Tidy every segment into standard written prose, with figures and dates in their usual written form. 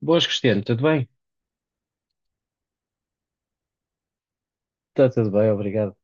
Boas, Cristiano, tudo bem? Está tudo bem, obrigado.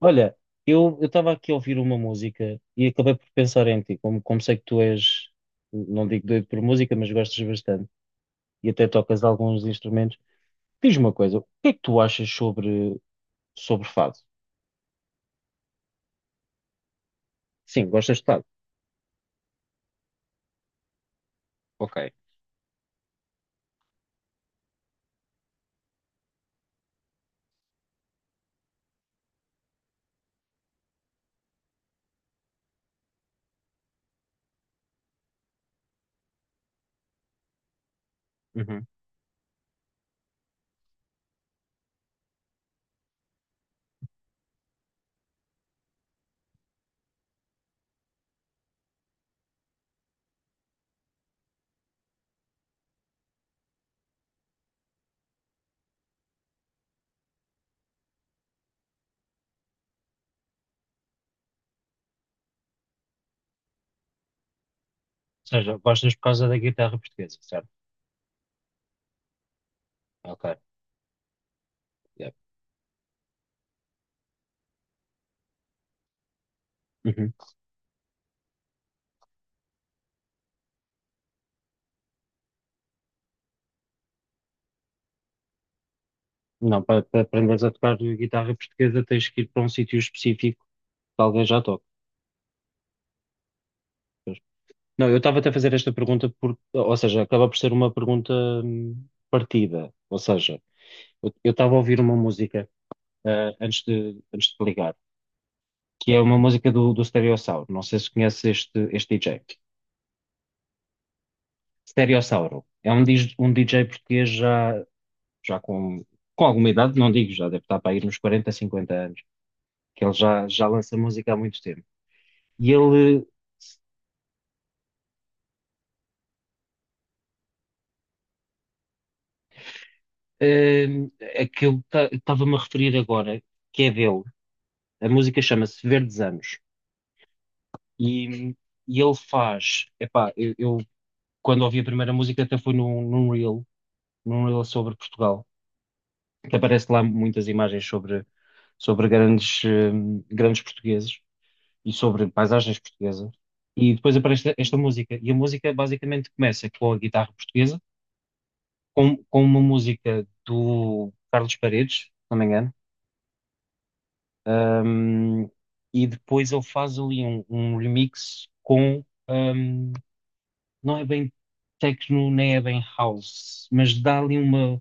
Olha, eu estava aqui a ouvir uma música e acabei por pensar em ti, como, como sei que tu és, não digo doido por música, mas gostas bastante e até tocas alguns instrumentos. Diz-me uma coisa, o que é que tu achas sobre, sobre fado? Sim, gostas de fado, ok. Uhum. Ou uhum. Seja, gostas por causa da guitarra portuguesa, certo? Ok. Yeah. Uhum. Não, para, para aprenderes a tocar guitarra portuguesa tens que ir para um sítio específico que alguém já toca. Não, eu estava até a fazer esta pergunta, por, ou seja, acaba por ser uma pergunta partida. Ou seja, eu estava a ouvir uma música antes de te ligar, que é uma música do, do Stereossauro. Não sei se conheces este, este DJ. Stereossauro é um, dis- um DJ português já, já com alguma idade, não digo, já deve estar para ir nos 40, 50 anos, que ele já, já lança música há muito tempo. E ele, hum, aquilo que estava-me a referir agora, que é dele. A música chama-se Verdes Anos. E, e ele faz, epá, eu quando ouvi a primeira música até foi num, num reel sobre Portugal, que aparece lá muitas imagens sobre, sobre grandes, grandes portugueses e sobre paisagens portuguesas. E depois aparece esta, esta música. E a música basicamente começa com a guitarra portuguesa, com uma música do Carlos Paredes, se não me engano, hum, e depois ele faz ali um, um remix com. Não é bem techno, nem é bem house, mas dá ali uma,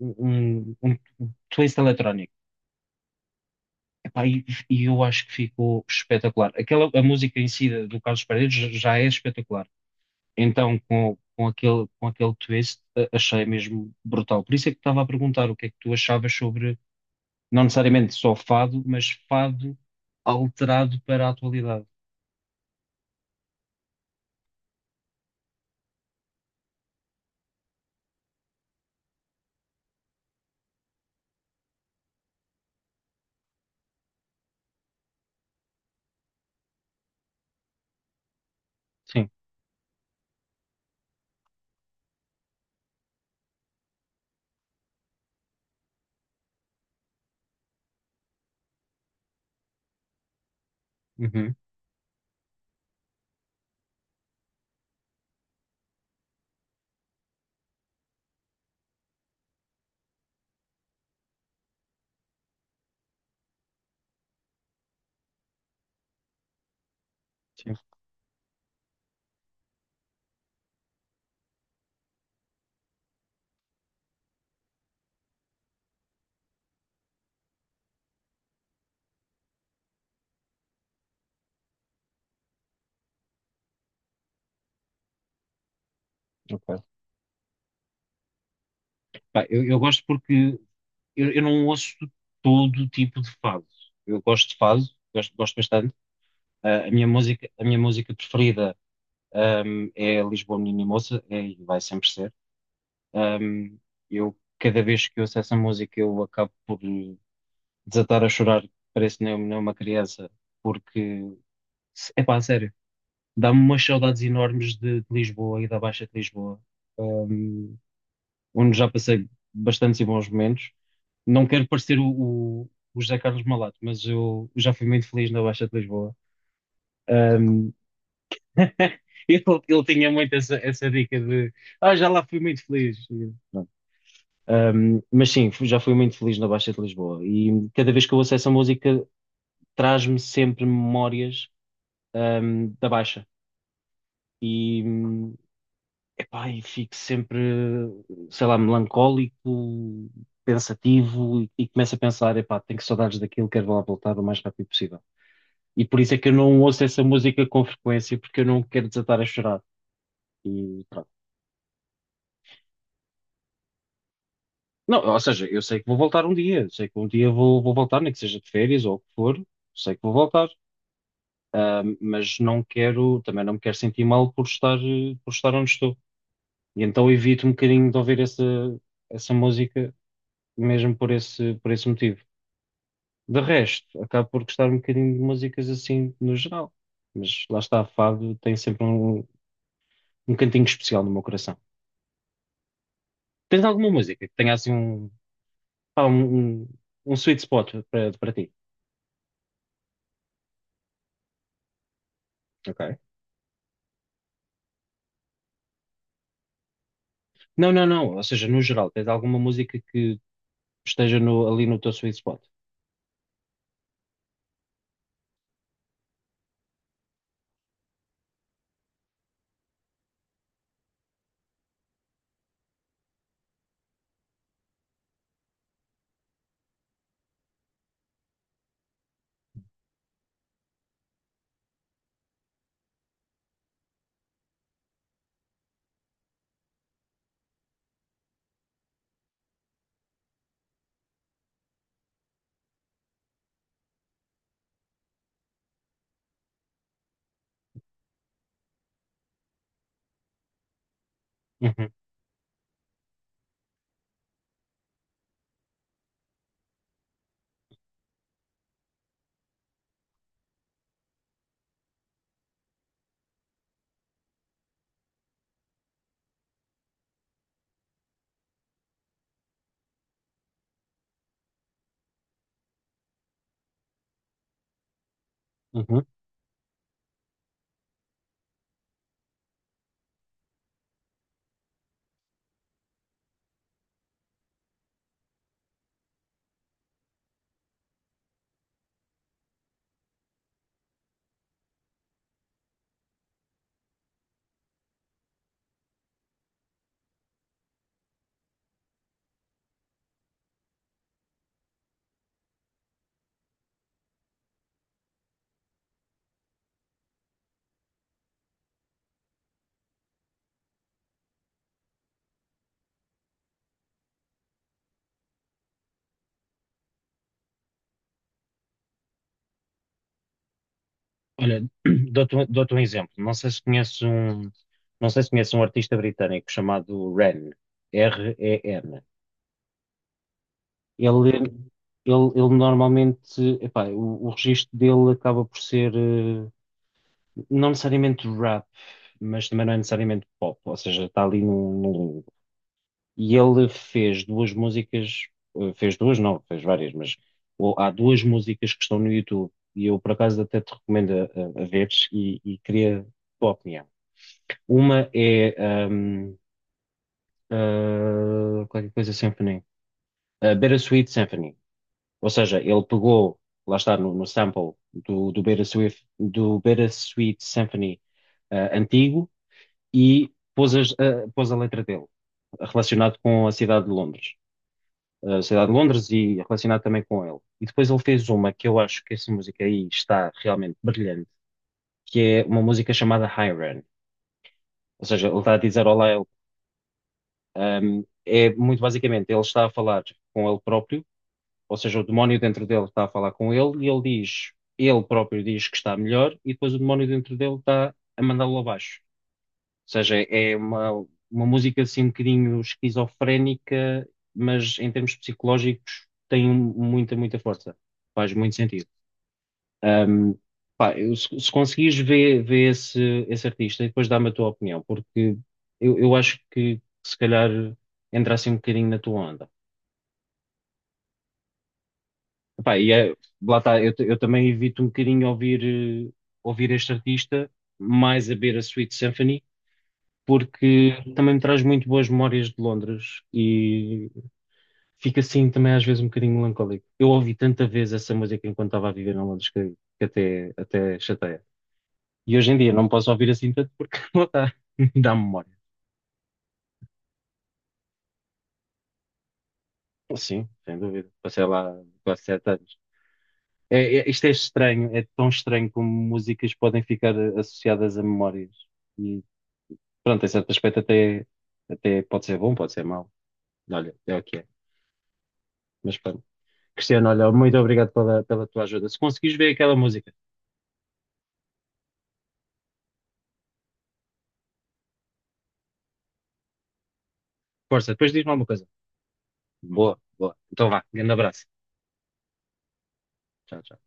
um, um twist eletrónico. Epá, e eu acho que ficou espetacular. Aquela, a música em si do Carlos Paredes já já é espetacular. Então, com aquele twist, a- achei mesmo brutal. Por isso é que estava a perguntar o que é que tu achavas sobre, não necessariamente só fado, mas fado alterado para a atualidade. Sim. Uhum. Sim. Ok. Pá, eu gosto porque eu não ouço todo tipo de fado. Eu gosto de fado, gosto, gosto bastante. Ah, a minha música preferida, é Lisboa Menina e Moça, é, e vai sempre ser. Ahm, eu, cada vez que ouço essa música, eu acabo por desatar a chorar, parece nem, nem uma criança, porque, é pá, sério, dá-me umas saudades enormes de Lisboa e da Baixa de Lisboa, ahm, onde já passei bastantes e bons momentos. Não quero parecer o José Carlos Malato, mas eu, já fui muito feliz na Baixa de Lisboa. Ahm, ele tinha muito essa, essa dica de ah, já lá fui muito feliz. E, pronto. Mas sim, fu- já fui muito feliz na Baixa de Lisboa e cada vez que eu ouço essa música traz-me sempre memórias, da Baixa. E, epá, e fico sempre, sei lá, melancólico, pensativo e começo a pensar, epá, tenho que saudades daquilo, quero lá voltar o mais rápido possível. E por isso é que eu não ouço essa música com frequência, porque eu não quero desatar a chorar. E pronto. Não, ou seja, eu sei que vou voltar um dia, sei que um dia vou, vou voltar, nem que seja de férias ou o que for, sei que vou voltar, mas não quero, também não me quero sentir mal por estar, por estar onde estou. E então evito um bocadinho de ouvir essa, essa música, mesmo por esse motivo. De resto, acabo por gostar um bocadinho de músicas assim no geral, mas lá está, fado tem sempre um, um cantinho especial no meu coração. Tens alguma música que tenha assim um, pá, um sweet spot para para ti. Ok. Não, não, não. Ou seja, no geral, tens alguma música que esteja no- ali no teu sweet spot. Uhum, uhum. Olha, dou-te um exemplo. Não sei se conheces um, não sei se conheces um artista britânico chamado Ren, Ren. Ele, ele, ele normalmente, epá, o registro dele acaba por ser, não necessariamente rap, mas também não é necessariamente pop. Ou seja, está ali num, e ele fez duas músicas, eh, fez duas, não, fez várias, mas o- há duas músicas que estão no YouTube e eu por acaso até te recomendo a veres e queria a tua opinião. Uma é ahm, qualquer coisa Symphony, a Bittersweet Symphony, ou seja, ele pegou, lá está no, no sample do, do Bittersweet Symphony antigo e pôs, as- ah, pôs a letra dele, relacionado com a cidade de Londres. Eh, a Cidade de Londres e relacionado também com ele. E depois ele fez uma que eu acho que essa música aí está realmente brilhante, que é uma música chamada Hiren. Ou seja, ele está a dizer olá a ele. Um, é muito basicamente, ele está a falar com ele próprio, ou seja, o demónio dentro dele está a falar com ele e ele diz, ele próprio diz que está melhor e depois o demónio dentro dele está a mandá-lo abaixo. Seja, é uma música assim um bocadinho esquizofrénica, mas em termos psicológicos tem um, muita, muita força. Faz muito sentido. Ahm, pá, eu- se conseguires ver, ver esse, esse artista e depois dá-me a tua opinião, porque eu acho que se calhar entra assim um bocadinho na tua onda. Epá, e é- lá está, eu, t- eu também evito um bocadinho ouvir, ouvir este artista, mais a ver a Sweet Symphony porque também me traz muito boas memórias de Londres e fica assim também às vezes um bocadinho melancólico. Eu ouvi tanta vez essa música enquanto estava a viver em Londres que até, até chateia. E hoje em dia não posso ouvir assim tanto porque não dá, dá memória. Sim, sem dúvida. Passei lá quase 7 anos. É, é- isto é estranho, é tão estranho como músicas podem ficar associadas a memórias. E pronto, em certo aspecto até, até pode ser bom, pode ser mau. Olha, é o que é. Mas pronto. Cristiano, olha, muito obrigado pela, pela tua ajuda. Se conseguires ver aquela música, força, depois diz-me alguma coisa. Boa, boa. Então vá, grande abraço. Tchau. Tchau.